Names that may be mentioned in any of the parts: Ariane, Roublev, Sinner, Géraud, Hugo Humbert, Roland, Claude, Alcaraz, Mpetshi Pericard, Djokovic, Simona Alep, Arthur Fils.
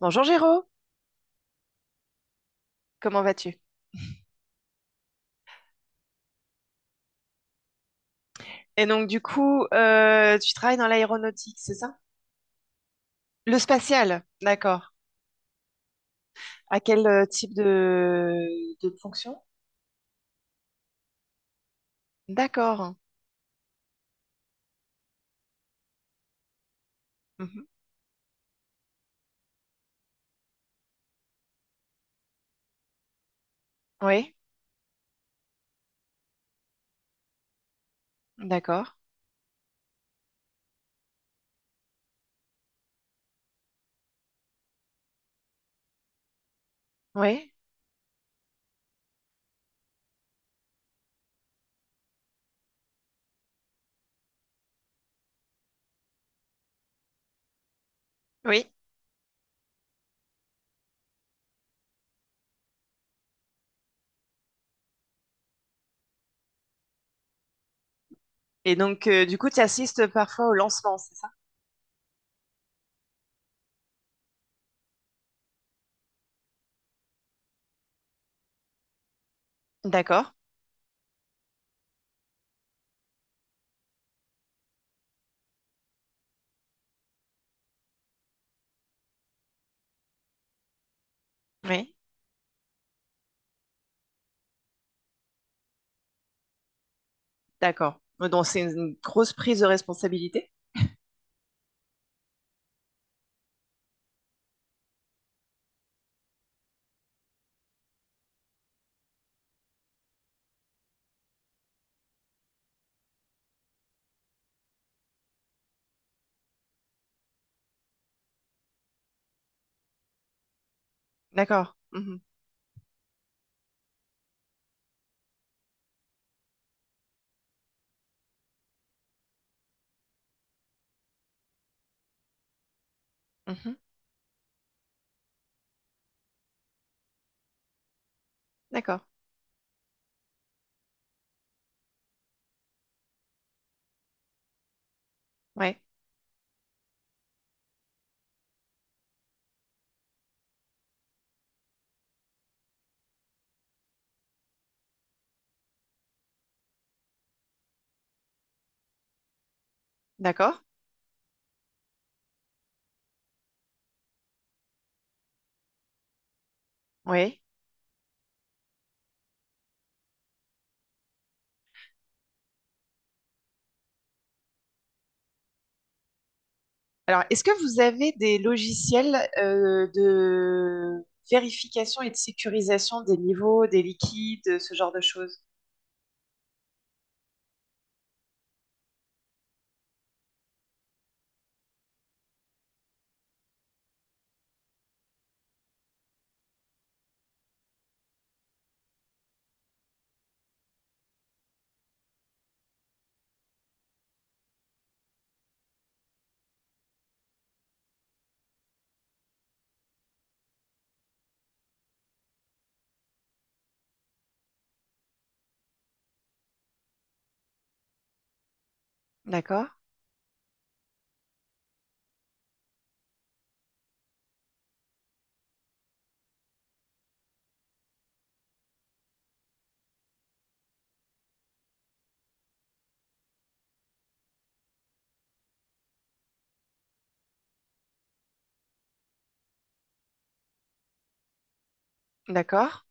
Bonjour Géraud, comment vas-tu? Et donc du coup, tu travailles dans l'aéronautique, c'est ça? Le spatial, d'accord. À quel type de fonction? D'accord. Mhm. Oui, d'accord. Oui, oui. Et donc du coup, tu assistes parfois au lancement, c'est ça? D'accord. Oui, d'accord. Donc c'est une grosse prise de responsabilité. D'accord. Mhm. Mhm. D'accord. Ouais. D'accord. Oui. Alors, est-ce que vous avez des logiciels de vérification et de sécurisation des niveaux, des liquides, ce genre de choses? D'accord. D'accord.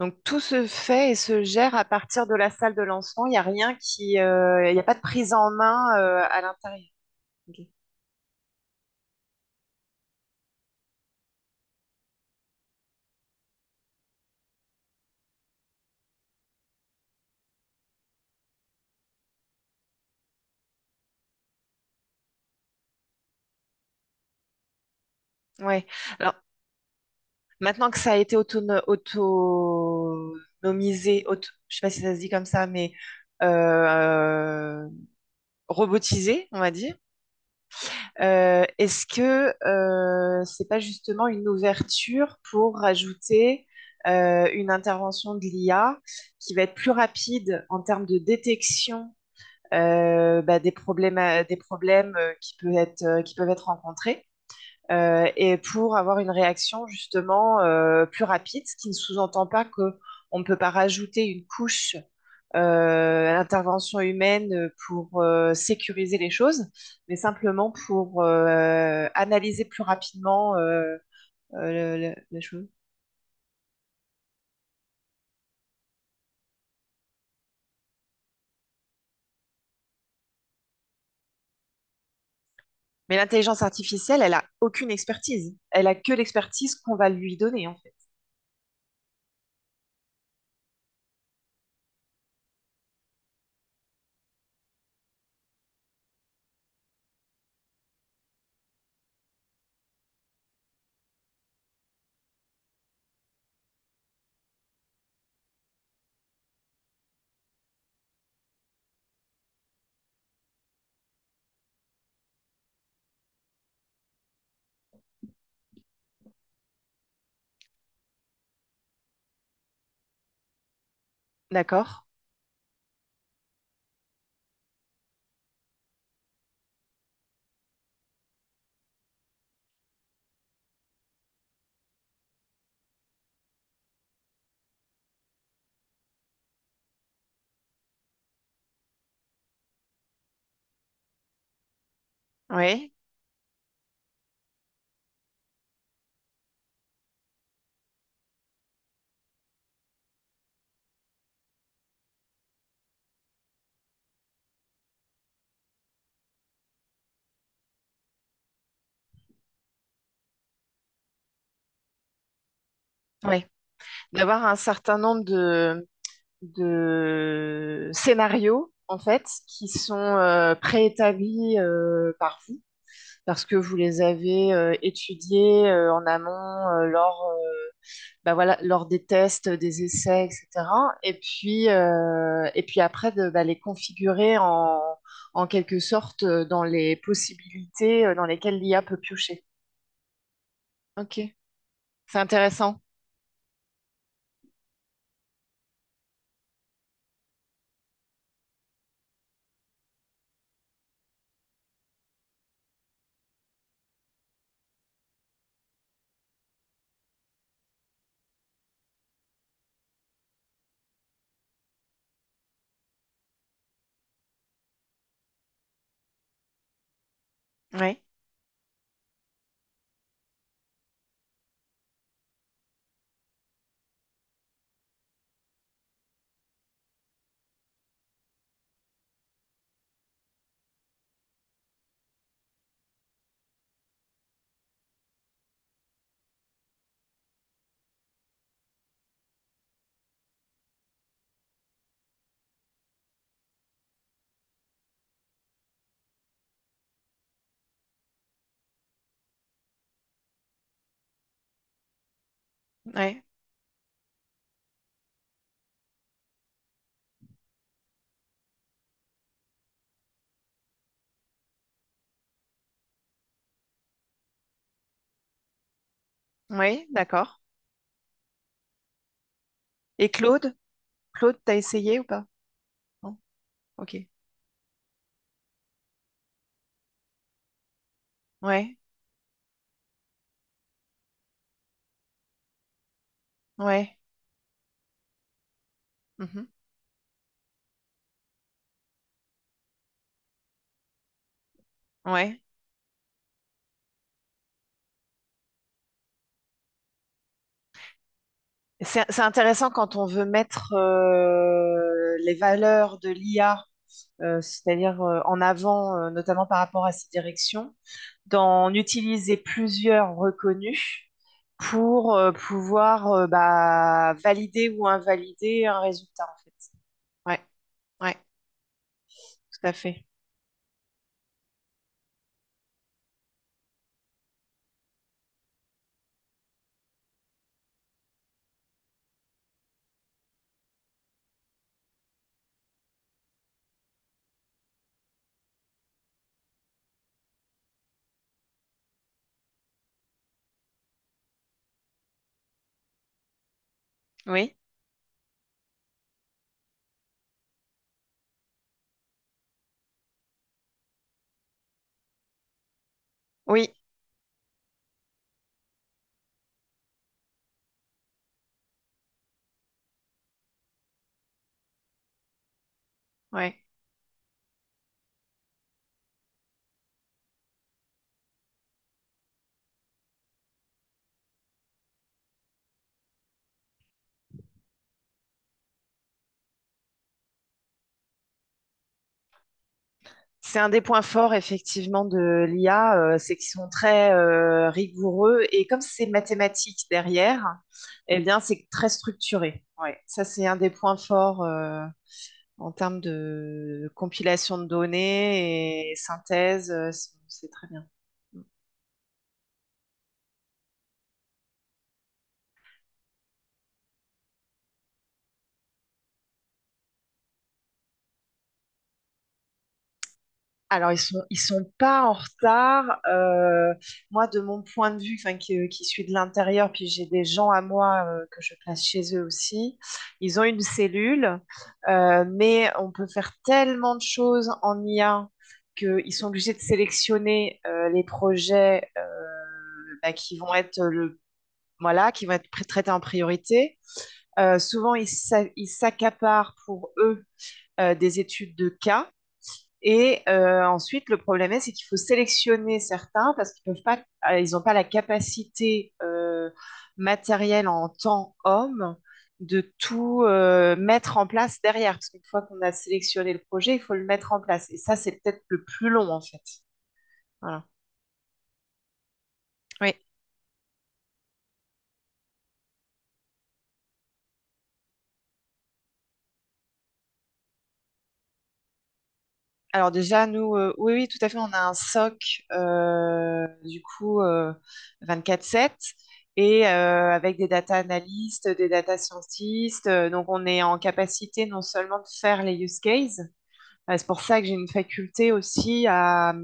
Donc tout se fait et se gère à partir de la salle de lancement. Il n'y a rien qui, il n'y a pas de prise en main à l'intérieur. Ok. Ouais. Alors maintenant que ça a été autonomisé, auto, je sais pas si ça se dit comme ça, mais euh, robotisé, on va dire. Est-ce que c'est pas justement une ouverture pour rajouter une intervention de l'IA qui va être plus rapide en termes de détection bah, des problèmes qui peuvent être rencontrés. Et pour avoir une réaction justement plus rapide, ce qui ne sous-entend pas qu'on ne peut pas rajouter une couche à l'intervention humaine pour sécuriser les choses, mais simplement pour analyser plus rapidement les choses. Mais l'intelligence artificielle, elle a aucune expertise. Elle a que l'expertise qu'on va lui donner, en fait. D'accord? Oui. Oui. D'avoir un certain nombre de scénarios, en fait, qui sont préétablis par vous, parce que vous les avez étudiés en amont bah voilà, lors des tests, des essais, etc. Et puis après, de bah, les configurer en, en quelque sorte dans les possibilités dans lesquelles l'IA peut piocher. Ok, c'est intéressant. Oui, oui, oui, d'accord. Et Claude? Claude, t'as essayé ou pas? Non? Ok. Ouais, ouais, mhm, ouais. C'est intéressant quand on veut mettre les valeurs de l'IA, c'est-à-dire en avant, notamment par rapport à ses directions, d'en utiliser plusieurs reconnus pour pouvoir bah, valider ou invalider un résultat, en fait. Ouais, ouais, tout à fait. Oui, oui, ouais. C'est un des points forts effectivement de l'IA, c'est qu'ils sont très rigoureux et comme c'est mathématique derrière, eh bien c'est très structuré. Ouais, ça c'est un des points forts en termes de compilation de données et synthèse, c'est très bien. Alors, ils sont pas en retard. Moi, de mon point de vue, enfin, qui suis de l'intérieur, puis j'ai des gens à moi que je place chez eux aussi. Ils ont une cellule, mais on peut faire tellement de choses en IA qu'ils sont obligés de sélectionner les projets bah, qui vont être le, voilà, qui vont être traités en priorité. Souvent, ils s'accaparent pour eux des études de cas et ensuite, le problème est, c'est qu'il faut sélectionner certains parce qu'ils peuvent pas, ils n'ont pas la capacité matérielle en tant homme de tout mettre en place derrière. Parce qu'une fois qu'on a sélectionné le projet, il faut le mettre en place. Et ça, c'est peut-être le plus long en fait. Voilà. Oui, alors déjà, nous, oui, oui, tout à fait, on a un SOC, du coup, 24-7, et avec des data analystes, des data scientists. Donc, on est en capacité non seulement de faire les use cases, c'est pour ça que j'ai une faculté aussi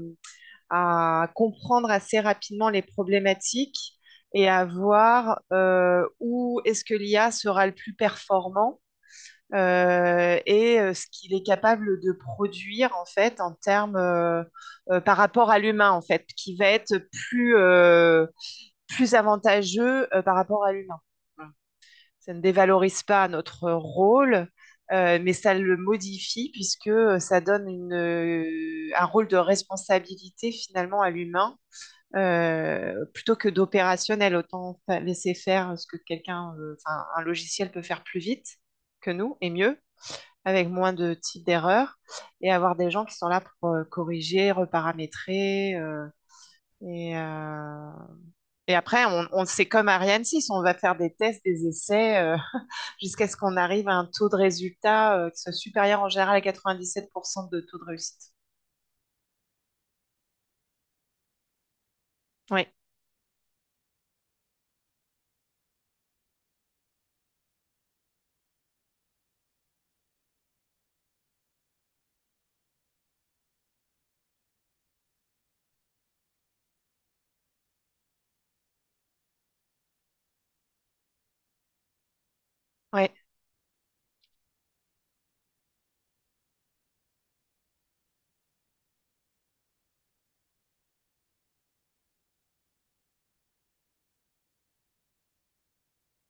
à comprendre assez rapidement les problématiques et à voir où est-ce que l'IA sera le plus performant ce qu'il est capable de produire en fait en termes par rapport à l'humain en fait, qui va être plus plus avantageux par rapport à l'humain. Voilà. Ça ne dévalorise pas notre rôle, mais ça le modifie puisque ça donne un rôle de responsabilité finalement à l'humain. Plutôt que d'opérationnel, autant laisser faire ce que quelqu'un, enfin, un logiciel peut faire plus vite que nous et mieux avec moins de types d'erreurs et avoir des gens qui sont là pour corriger, reparamétrer. Et et après, on, c'est comme Ariane 6 on va faire des tests, des essais jusqu'à ce qu'on arrive à un taux de résultat qui soit supérieur en général à 97% de taux de réussite. Oui, oui.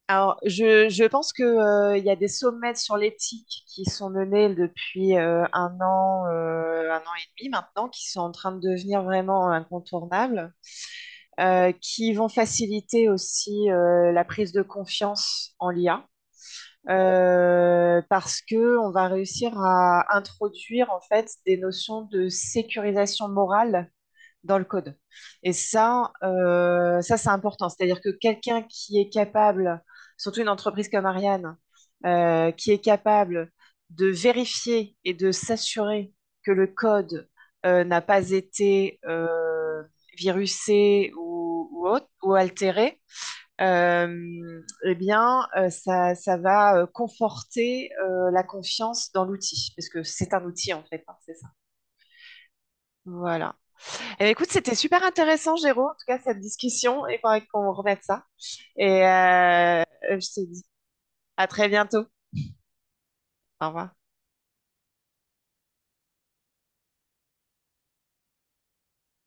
Alors, je pense que, il y a des sommets sur l'éthique qui sont menés depuis un an et demi maintenant, qui sont en train de devenir vraiment incontournables. Qui vont faciliter aussi la prise de confiance en l'IA. Parce que on va réussir à introduire en fait des notions de sécurisation morale dans le code. Et ça, ça c'est important. C'est-à-dire que quelqu'un qui est capable, surtout une entreprise comme Ariane, qui est capable de vérifier et de s'assurer que le code n'a pas été virusé ou, ou altéré, eh bien, ça, ça va conforter la confiance dans l'outil, parce que c'est un outil en fait, hein, c'est ça. Voilà. Eh bien, écoute, c'était super intéressant, Géro. En tout cas, cette discussion. Il faudrait qu'on remette ça. Et je te dis à très bientôt. Au revoir.